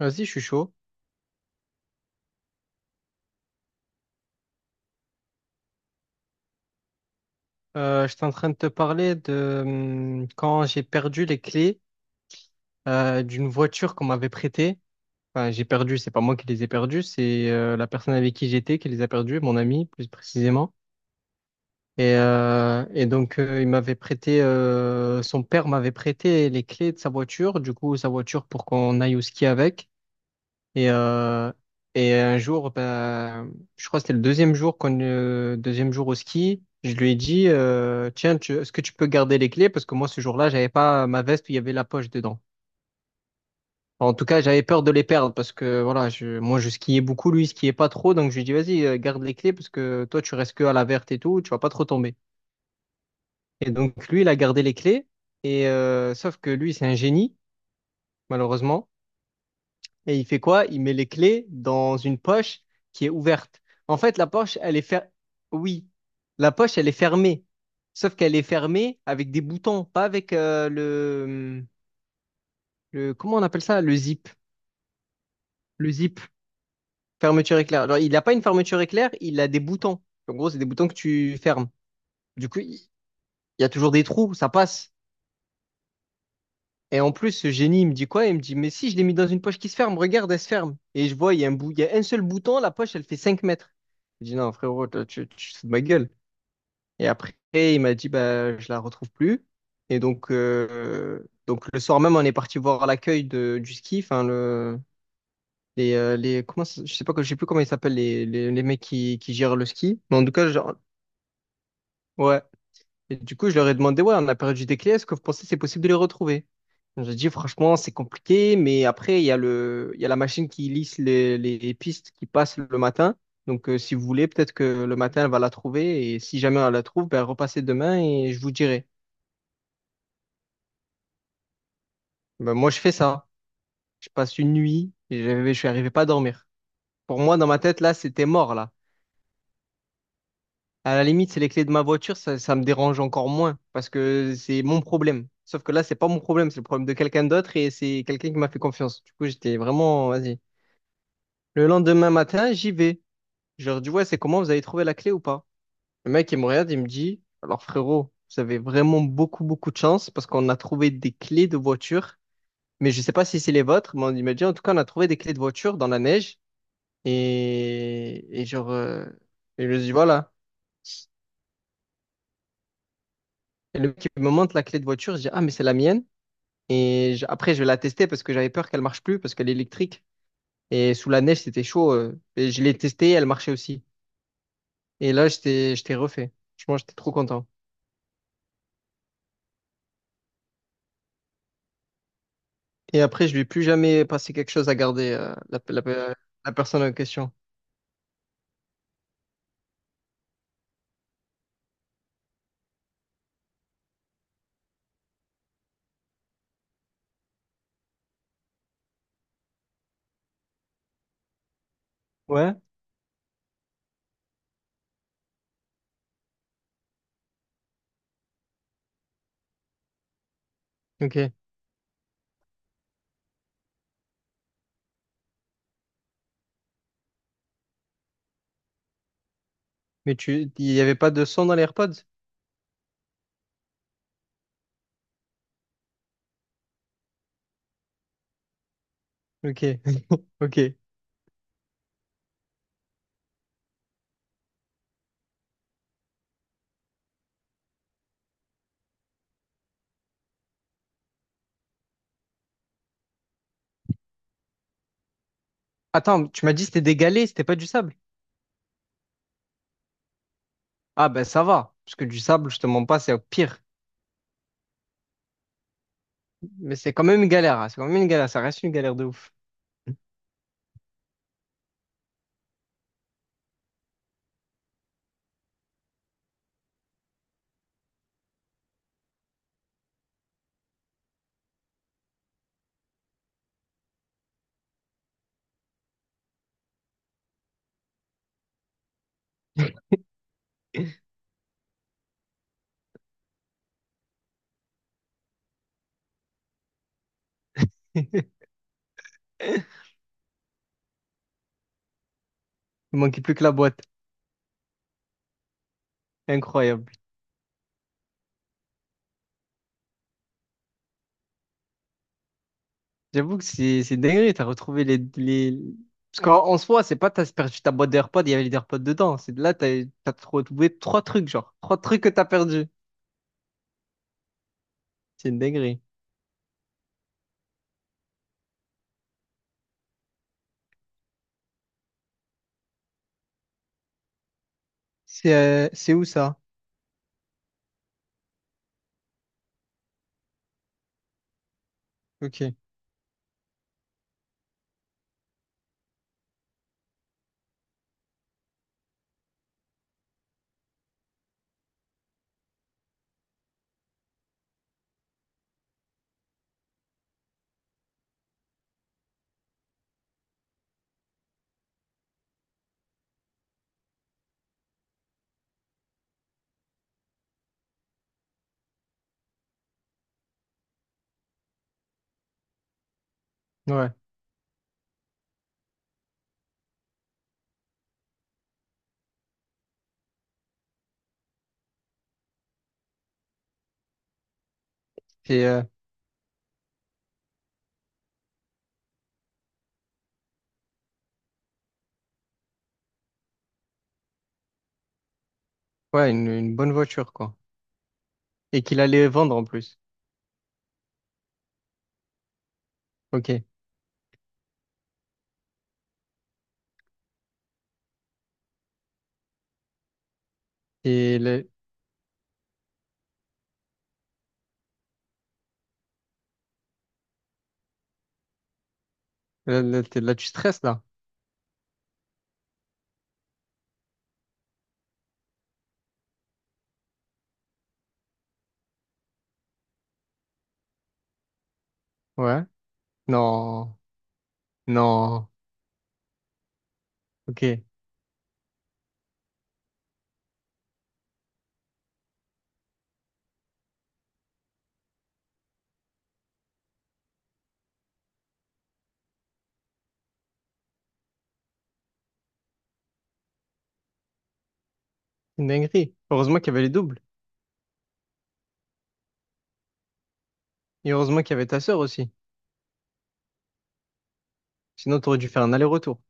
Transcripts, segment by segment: Vas-y, je suis chaud. J'étais en train de te parler de quand j'ai perdu les clés d'une voiture qu'on m'avait prêtée. Enfin, j'ai perdu, c'est pas moi qui les ai perdues, c'est la personne avec qui j'étais qui les a perdues, mon ami plus précisément. Et donc, il m'avait prêté, son père m'avait prêté les clés de sa voiture, du coup, sa voiture pour qu'on aille au ski avec. Et, euh, et un jour, ben, je crois que c'était le deuxième jour deuxième jour au ski, je lui ai dit, tiens, est-ce que tu peux garder les clés? Parce que moi, ce jour-là, j'avais pas ma veste où il y avait la poche dedans. Enfin, en tout cas, j'avais peur de les perdre parce que voilà, je, moi, je skiais beaucoup, lui, il skiait pas trop. Donc, je lui ai dit, vas-y, garde les clés parce que toi, tu restes que à la verte et tout, tu vas pas trop tomber. Et donc, lui, il a gardé les clés. Et sauf que lui, c'est un génie, malheureusement. Et il fait quoi? Il met les clés dans une poche qui est ouverte. En fait, la poche, elle est fer. Oui, la poche, elle est fermée. Sauf qu'elle est fermée avec des boutons, pas avec le... Comment on appelle ça? Le zip. Le zip, fermeture éclair. Genre, il n'a pas une fermeture éclair, il a des boutons. En gros, c'est des boutons que tu fermes. Du coup, il y a toujours des trous, ça passe. Et en plus, ce génie, il me dit quoi? Il me dit, mais si je l'ai mis dans une poche qui se ferme, regarde, elle se ferme. Et je vois, il y a un bout, il y a un seul bouton, la poche, elle fait 5 mètres. Je dis, non, frérot, toi, tu te fous de ma gueule. Et après, il m'a dit, bah, je la retrouve plus. Et donc, le soir même, on est parti voir l'accueil du ski, enfin, le, les, comment, ça- je sais pas, je sais plus comment ils s'appellent, les mecs qui gèrent le ski. Mais en tout cas, genre, ouais. Et du coup, je leur ai demandé, ouais, on a perdu des clés, est-ce que vous pensez que c'est possible de les retrouver? J'ai dit, franchement, c'est compliqué, mais après, il y a la machine qui lisse les pistes qui passent le matin. Donc, si vous voulez, peut-être que le matin, elle va la trouver. Et si jamais elle la trouve, ben, repassez demain et je vous dirai. Ben, moi, je fais ça. Je passe une nuit et je suis arrivé pas à dormir. Pour moi, dans ma tête, là, c'était mort, là. À la limite, c'est les clés de ma voiture, ça me dérange encore moins parce que c'est mon problème. Sauf que là, c'est pas mon problème, c'est le problème de quelqu'un d'autre et c'est quelqu'un qui m'a fait confiance. Du coup, j'étais vraiment, vas-y. Le lendemain matin, j'y vais. Je leur dis, ouais, c'est comment, vous avez trouvé la clé ou pas? Le mec, il me regarde, il me dit, alors frérot, vous avez vraiment beaucoup, beaucoup de chance parce qu'on a trouvé des clés de voiture, mais je sais pas si c'est les vôtres, mais il m'a dit, en tout cas, on a trouvé des clés de voiture dans la neige et, et genre, euh, et je lui dis, voilà. Et le mec il me montre la clé de voiture, je dis, ah, mais c'est la mienne. Après, je vais la tester parce que j'avais peur qu'elle marche plus parce qu'elle est électrique. Et sous la neige, c'était chaud. Et je l'ai testée, elle marchait aussi. Et là, j'étais refait. Franchement, j'étais trop content. Et après, je lui ai plus jamais passé quelque chose à garder, la personne en question. Ouais. Ok. Mais il n'y avait pas de son dans les AirPods? Ok. Ok. Attends, tu m'as dit c'était des galets, c'était pas du sable. Ah ben ça va, parce que du sable, je te mens pas, c'est au pire. Mais c'est quand même une galère, hein, c'est quand même une galère, ça reste une galère de ouf. Mhm. Il manquait plus que la boîte. Incroyable. J'avoue que c'est dingue, t'as retrouvé les. Parce qu'en soi, c'est pas t'as perdu ta boîte d'AirPods, il y avait les AirPods dedans. C'est de là, t'as retrouvé trois trucs, genre. Trois trucs que t'as perdu. C'est une dinguerie. C'est où ça? Ok, ouais. C'est Ouais, une bonne voiture, quoi. Et qu'il allait vendre en plus. Ok. Et le- Là, tu stresses, là. Ouais. Non. Non. Ok. C'est une dinguerie. Heureusement qu'il y avait les doubles. Et heureusement qu'il y avait ta sœur aussi. Sinon, t'aurais dû faire un aller-retour.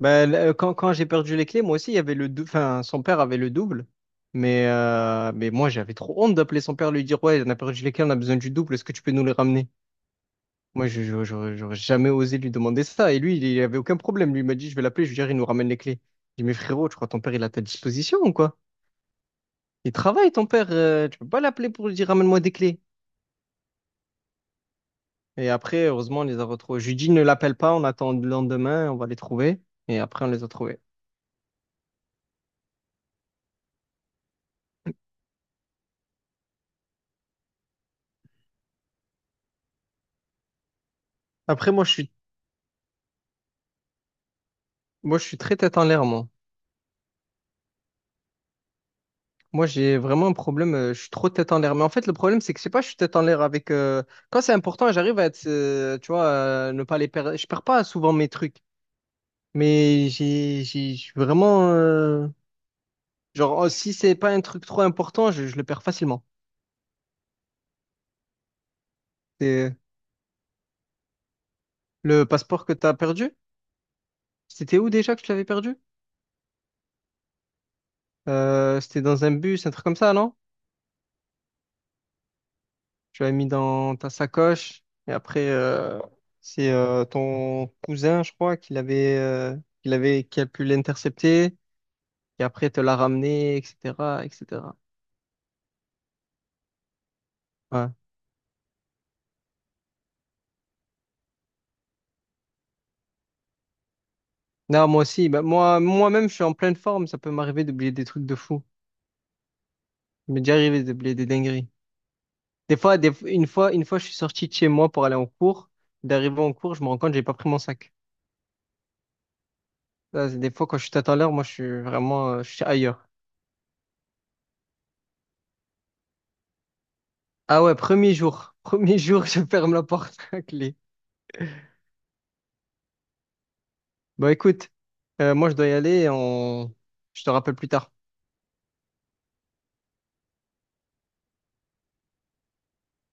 Bah, là, quand j'ai perdu les clés, moi aussi, il y avait enfin, son père avait le double. Mais moi, j'avais trop honte d'appeler son père, lui dire, ouais, on a perdu les clés, on a besoin du double, est-ce que tu peux nous les ramener? Moi, j'aurais jamais osé lui demander ça. Et lui, il avait aucun problème. Lui, il m'a dit, je vais l'appeler, je lui dirai, il nous ramène les clés. J'ai dit, mais frérot, tu crois ton père, il est à ta disposition ou quoi? Il travaille, ton père. Tu peux pas l'appeler pour lui dire, ramène-moi des clés. Et après, heureusement, on les a retrouvés. Je lui dis, ne l'appelle pas, on attend le lendemain, on va les trouver. Et après, on les a trouvés. Après, moi, je suis très tête en l'air, moi. Moi, j'ai vraiment un problème, je suis trop tête en l'air. Mais en fait, le problème, c'est que je sais pas, je suis tête en l'air avec. Quand c'est important, j'arrive à être, tu vois, ne pas les perdre. Je perds pas souvent mes trucs. Mais j'ai, je suis vraiment, genre, oh, si c'est pas un truc trop important, je le perds facilement. C'est le passeport que t'as perdu? C'était où déjà que tu l'avais perdu? C'était dans un bus, un truc comme ça, non? Tu l'avais mis dans ta sacoche. Et après, c'est ton cousin, je crois, qui l'avait, qui a pu l'intercepter. Et après, te l'a ramené, etc., etc. Ouais. Non, moi aussi. Bah, moi, moi-même, je suis en pleine forme. Ça peut m'arriver d'oublier des trucs de fou. Il m'est déjà arrivé d'oublier des dingueries. Des fois, une fois, je suis sorti de chez moi pour aller en cours. D'arriver en cours, je me rends compte que j'ai pas pris mon sac. Ça, c'est des fois, quand je suis à l'heure, moi, je suis vraiment, je suis ailleurs. Ah ouais, premier jour. Premier jour, je ferme la porte à clé. Bon, écoute, moi, je dois y aller. Je te rappelle plus tard.